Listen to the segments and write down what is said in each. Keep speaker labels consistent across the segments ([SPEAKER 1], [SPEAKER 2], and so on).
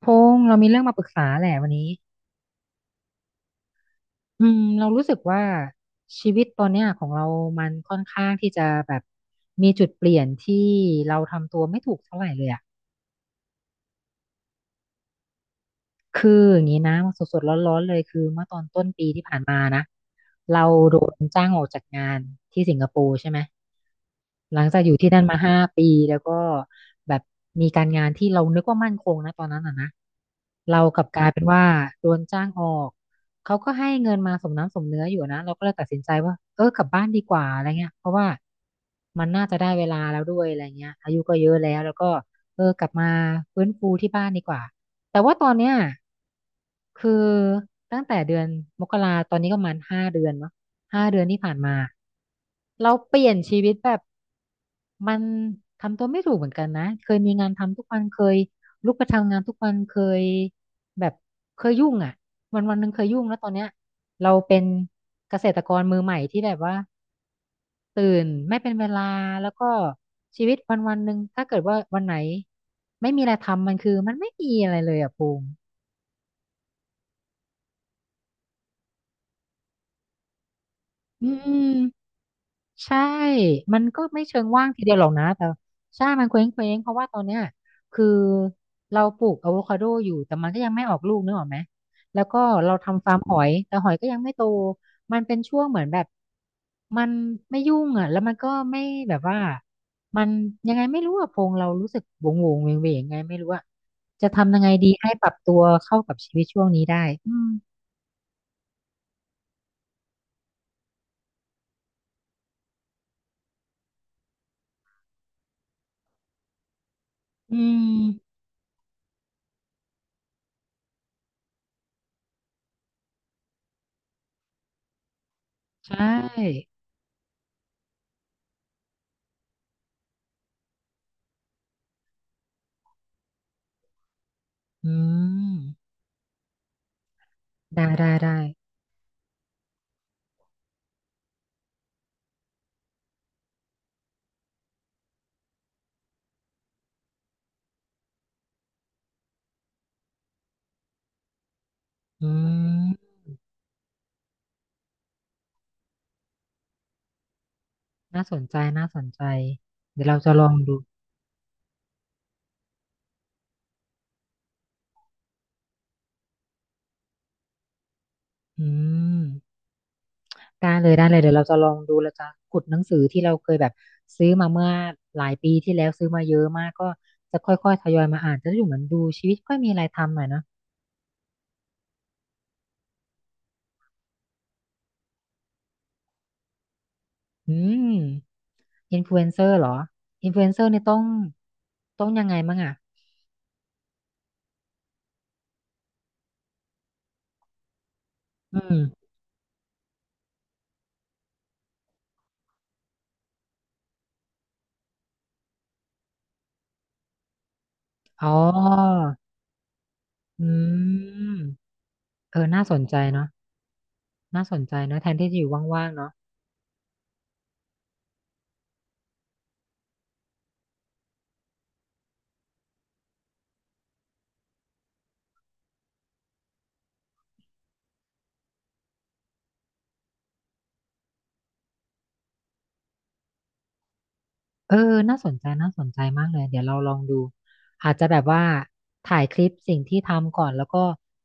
[SPEAKER 1] พงษ์เรามีเรื่องมาปรึกษาแหละวันนี้อืมเรารู้สึกว่าชีวิตตอนเนี้ยของเรามันค่อนข้างที่จะแบบมีจุดเปลี่ยนที่เราทำตัวไม่ถูกเท่าไหร่เลยอ่ะคืออย่างนี้นะสดๆร้อนๆเลยคือเมื่อตอนต้นปีที่ผ่านมานะเราโดนจ้างออกจากงานที่สิงคโปร์ใช่ไหมหลังจากอยู่ที่นั่นมา5 ปีแล้วก็แบบ เรากลับกลายเป็นว่าโดนจ้างออกเขาก็ให้เงินมาสมน้ำสมเนื้ออยู่นะเราก็เลยตัดสินใจว่าเออกลับบ้านดีกว่าอะไรเงี้ยเพราะว่ามันน่าจะได้เวลาแล้วด้วยอะไรเงี้ยอายุก็เยอะแล้วแล้วก็เออกลับมาฟื้นฟูที่บ้านดีกว่าแต่ว่าตอนเนี้ยคือตั้งแต่เดือนมกราตอนนี้ก็ประมาณห้าเดือนเนาะห้าเดือนที่ผ่านมาเราเปลี่ยนชีวิตแบบมันทำตัวไม่ถูกเหมือนกันนะเคยมีงานทำทุกวันเคย ลุกไปทำงานทุกวันเคยแบบเคยยุ่งอ่ะวันวันหนึ่งเคยยุ่งแล้วตอนเนี้ยเราเป็นเกษตรกรมือใหม่ที่แบบว่าตื่นไม่เป็นเวลาแล้วก็ชีวิตวันวันหนึ่งถ้าเกิดว่าวันไหนไม่มีอะไรทำมันคือมันไม่มีอะไรเลยอ่ะภูมิอืม ใช่ มันก็ไม่เชิงว่างทีเดียวหรอกนะแต่ใช่ มันเคว้งเพราะว่าตอนเนี้ยคือเราปลูกอะโวคาโดอยู่แต่มันก็ยังไม่ออกลูกนึกออกไหมแล้วก็เราทำฟาร์มหอยแต่หอยก็ยังไม่โตมันเป็นช่วงเหมือนแบบมันไม่ยุ่งอ่ะแล้วมันก็ไม่แบบว่ามันยังไงไม่รู้อะพงเรารู้สึกวงวงเวงเวงๆยังไงไม่รู้อะจะทำยังไงดีให้ปรับตัวเข้ากับชีวิตช่วงนี้ได้อืมอืมใช่อืมได้ได้ได้อืม น่าสนใจน่าสนใจเดี๋ยวเราจะลองดูอืมได้เลยได้เลยเดี๋ยวเราจะลองดูเราจะขุดหนังสือที่เราเคยแบบซื้อมาเมื่อหลายปีที่แล้วซื้อมาเยอะมากก็จะค่อยๆทยอยมาอ่านจะได้อยู่เหมือนดูชีวิตค่อยมีอะไรทำหน่อยเนอะอืมอินฟลูเอนเซอร์เหรออินฟลูเอนเซอร์นี่ต้องยังไงมั่งอ่ะอืมอ๋ออืมเออน่าสนใจเนาะน่าสนใจเนาะแทนที่จะอยู่ว่างๆเนาะ เออน่าสนใจ น่าสนใจมากเลยเดี๋ยวเราลองดูอาจจะแบบว่าถ่ายคลิปสิ่งที่ทำก่อนแล้วก็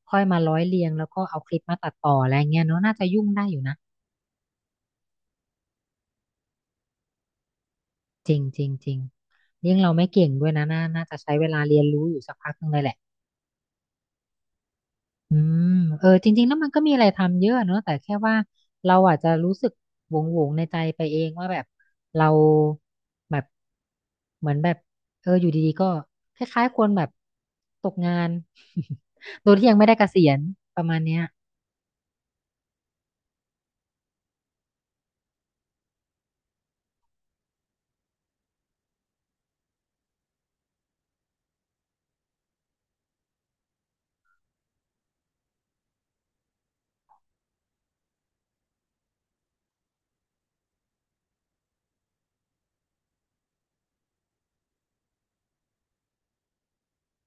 [SPEAKER 1] ค่อยมาร้อยเรียงแล้วก็เอาคลิปมาตัดต่ออะไรเงี้ยเนาะน่าจะยุ่งได้อยู่นะ จริงจริงจริงยิ่งเราไม่เก่งด้วยนะน่าจะใช้เวลาเรียนรู้อยู่สักพักหนึงเลยแหละ อืมเออจริงๆแล้วมันก็มีอะไรทำเยอะเนอะ แต่แค่ว่าเราอาจจะรู้สึกหวงๆวงในใจไปเองว่าแบบเราแบบเหมือนแบบเอออยู่ดีๆก็คล้ายๆคนแบบตกงาน โดยที่ยังไม่ได้เกษียณประมาณเนี้ย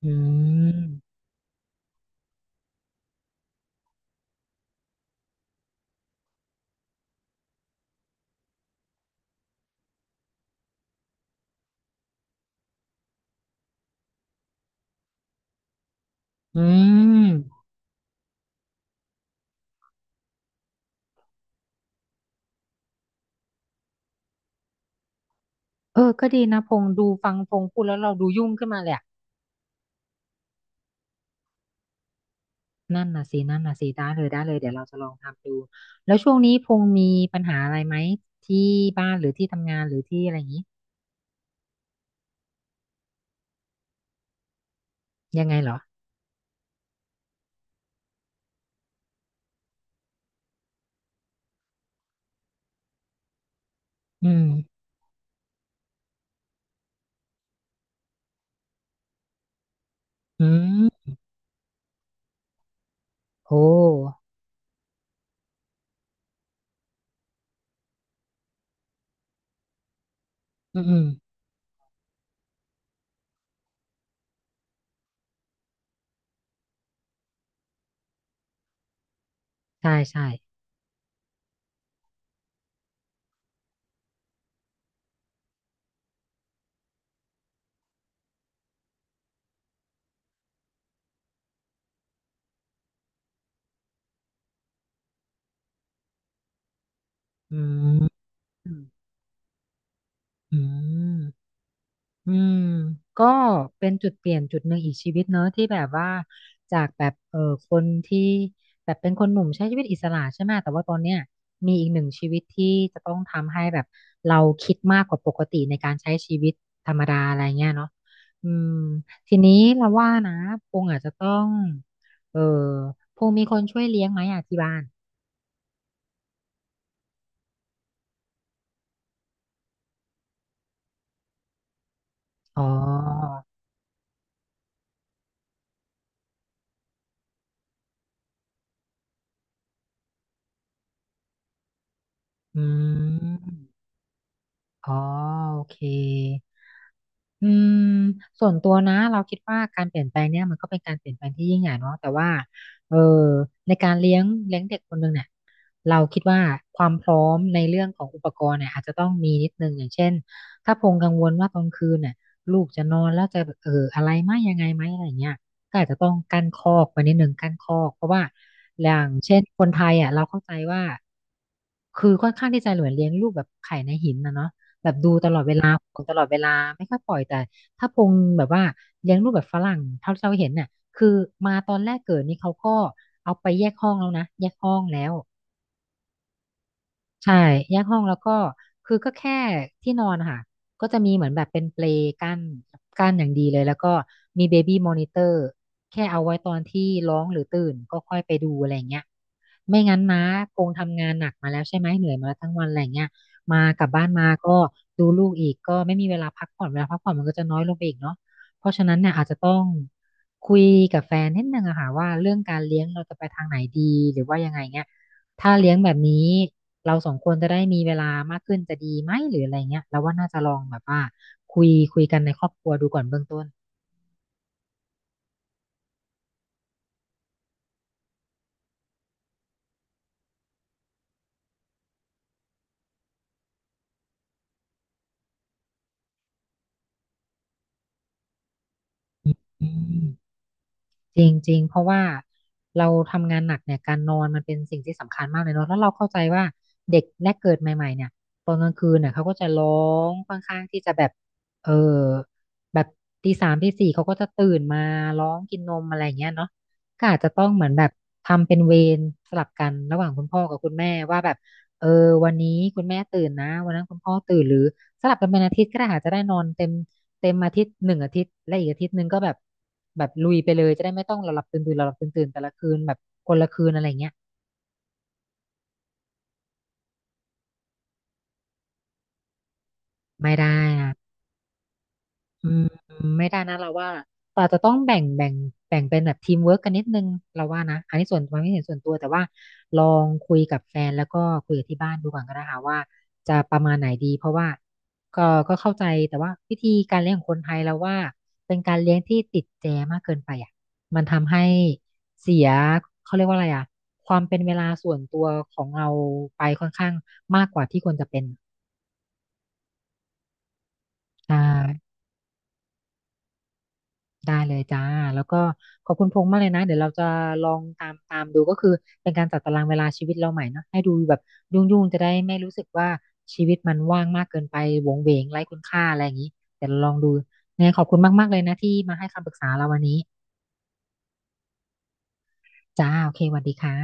[SPEAKER 1] อืมอืมเออ ก็ดีนะพงษ์ดูฟังพงษ์พูดแล้วเราดูยุ่งขึ้นมาเลยอะนั่นน่ะสินั่นน่ะสิได้เลยได้เลยเดี๋ยวเราจะลองทำดู แล้วช่วงนี้พงษ์มีปัญหาอะไรไหมที่บ้านหรือที่ทำงานหรือที่อะไรอย่างนี้ ยังไงเหรออืมอืมโอ้อืมอืมใช่ ใช่อืมอืมอืมก็เป็นจุดเปลี่ยนจุดหนึ่งอีกชีวิตเนอะที่แบบว่าจากแบบเออคนที่แบบเป็นคนหนุ่มใช้ชีวิตอิสระใช่ไหมแต่ว่าตอนเนี้ยมีอีกหนึ่งชีวิตที่จะต้องทำให้แบบเราคิดมากกว่าปกติในการใช้ชีวิตธรรมดาอะไรเงี้ยเนาะอืมทีนี้เราว่านะพงอาจจะต้องเออพงมีคนช่วยเลี้ยงไหมอ่ะที่บ้าน อ๋ออืมอ๋อ โอเค อืม ส่วนตัวนะเราคิดว่าการเปลี่ยนแปลงเนี่ยมันก็เป็นการเปลี่ยนแปลงที่ยิ่งใหญ่เนาะแต่ว่า เออ ในการเลี้ยงเด็กคนหนึ่งเนี่ย เราคิดว่าความพร้อมในเรื่องของอุปกรณ์เนี่ยอาจจะต้องมีนิดนึงอย่างเช่นถ้าพงกังวลว่าตอนคืนเนี่ยลูกจะนอนแล้วจะอะไรไหมยังไงไหมอะไรเงี้ยก็อาจจะต้องกั้นคอกไว้นิดนึงกั้นคอกเพราะว่าอย่างเช่นคนไทยอ่ะเราเข้าใจว่าคือค่อนข้างที่จะเหมือนเลี้ยงลูกแบบไข่ในหินนะเนาะแบบดูตลอดเวลาห่วงตลอดเวลาไม่ค่อยปล่อยแต่ถ้าพงแบบว่าเลี้ยงลูกแบบฝรั่งเท่าที่เราเห็นเนี่ยคือมาตอนแรกเกิดนี่เขาก็เอาไปแยกห้องแล้วนะแยกห้องแล้ว ใช่แยกห้องแล้วก็คือก็แค่ที่นอนค่ะก็จะมีเหมือนแบบเป็นเปลกั้นกั้นอย่างดีเลยแล้วก็มีเบบี้มอนิเตอร์แค่เอาไว้ตอนที่ร้องหรือตื่นก็ค่อยไปดูอะไรเงี้ยไม่งั้นนะคงทำงานหนักมาแล้วใช่ไหมเหนื่อยมาแล้วทั้งวันอะไรเงี้ยมากลับบ้านมาก็ดูลูกอีกก็ไม่มีเวลาพักผ่อนเวลาพักผ่อนมันก็จะน้อยลงไปอีกเนาะเพราะฉะนั้นเนี่ยอาจจะต้องคุยกับแฟนนิดนึงอะค่ะว่าเรื่องการเลี้ยงเราจะไปทางไหนดีหรือว่ายังไงเงี้ยถ้าเลี้ยงแบบนี้ เราสองคนจะได้มีเวลามากขึ้นจะดีไหมหรืออะไรเงี้ยเราว่าน่าจะลองแบบว่าคุยกันในครอบครัวดูก่อนเบื้องต้นอืม จริงจริงเพราะว่าเราทำงานหนักเนี่ยการนอนมันเป็นสิ่งที่สำคัญมากเลยเนาะแล้วเราเข้าใจว่าเด็กแรกเกิดใหม่ๆเนี่ยตอนกลางคืนเนี่ยเขาก็จะร้องค่อนข้างที่จะแบบเออแบบตีสามตีสี่เขาก็จะตื่นมาร้องกินนมอะไรอย่างเงี้ยเนาะก็อาจจะต้องเหมือนแบบทำเป็นเวรสลับกันระหว่างคุณพ่อกับคุณแม่ว่าแบบเออวันนี้คุณแม่ตื่นนะวันนั้นคุณพ่อตื่นหรือสลับกันเป็นอาทิตย์ก็ได้ค่ะจะได้นอนเต็ม เต็มอาทิตย์หนึ่งอาทิตย์และอีกอาทิตย์หนึ่งก็แบบแบบลุยไปเลยจะได้ไม่ต้องหลับๆตื่นๆหลับๆตื่นๆแต่ละคืนแบบคนละคืนอะไรเงี้ยไม่ได้นะ อืมไม่ได้นะเราว่าเราจะต้องแบ่งเป็นแบบทีมเวิร์กกันนิดนึงเราว่านะอันนี้ส่วนความคิดเห็นส่วนตัวแต่ว่าลองคุยกับแฟนแล้วก็คุยกับที่บ้านดูก่อนก็ได้ค่ะว่าจะประมาณไหนดีเพราะว่าก็ก็เข้าใจแต่ว่าวิธีการเลี้ยงของคนไทยเราว่าเป็นการเลี้ยงที่ติดแจมากเกินไปอ่ะมันทำให้เสียเขาเรียกว่าอะไรอ่ะความเป็นเวลาส่วนตัวของเราไปค่อนข้างมากกว่าที่ควรจะเป็นใช่ ได้เลยจ้าแล้วก็ขอบคุณพงษ์มากเลยนะเดี๋ยวเราจะลองตามดูก็คือเป็นการจัดตารางเวลาชีวิตเราใหม่เนอะให้ดูแบบยุ่งๆจะได้ไม่รู้สึกว่าชีวิตมันว่างมากเกินไปโหวงเหวงไร้คุณค่าอะไรอย่างนี้เดี๋ยวเราลองดูเนี่ยงไงขอบคุณมากๆเลยนะที่มาให้คำปรึกษาเราวันนี้จ้าโอเคสวัสดีค่ะ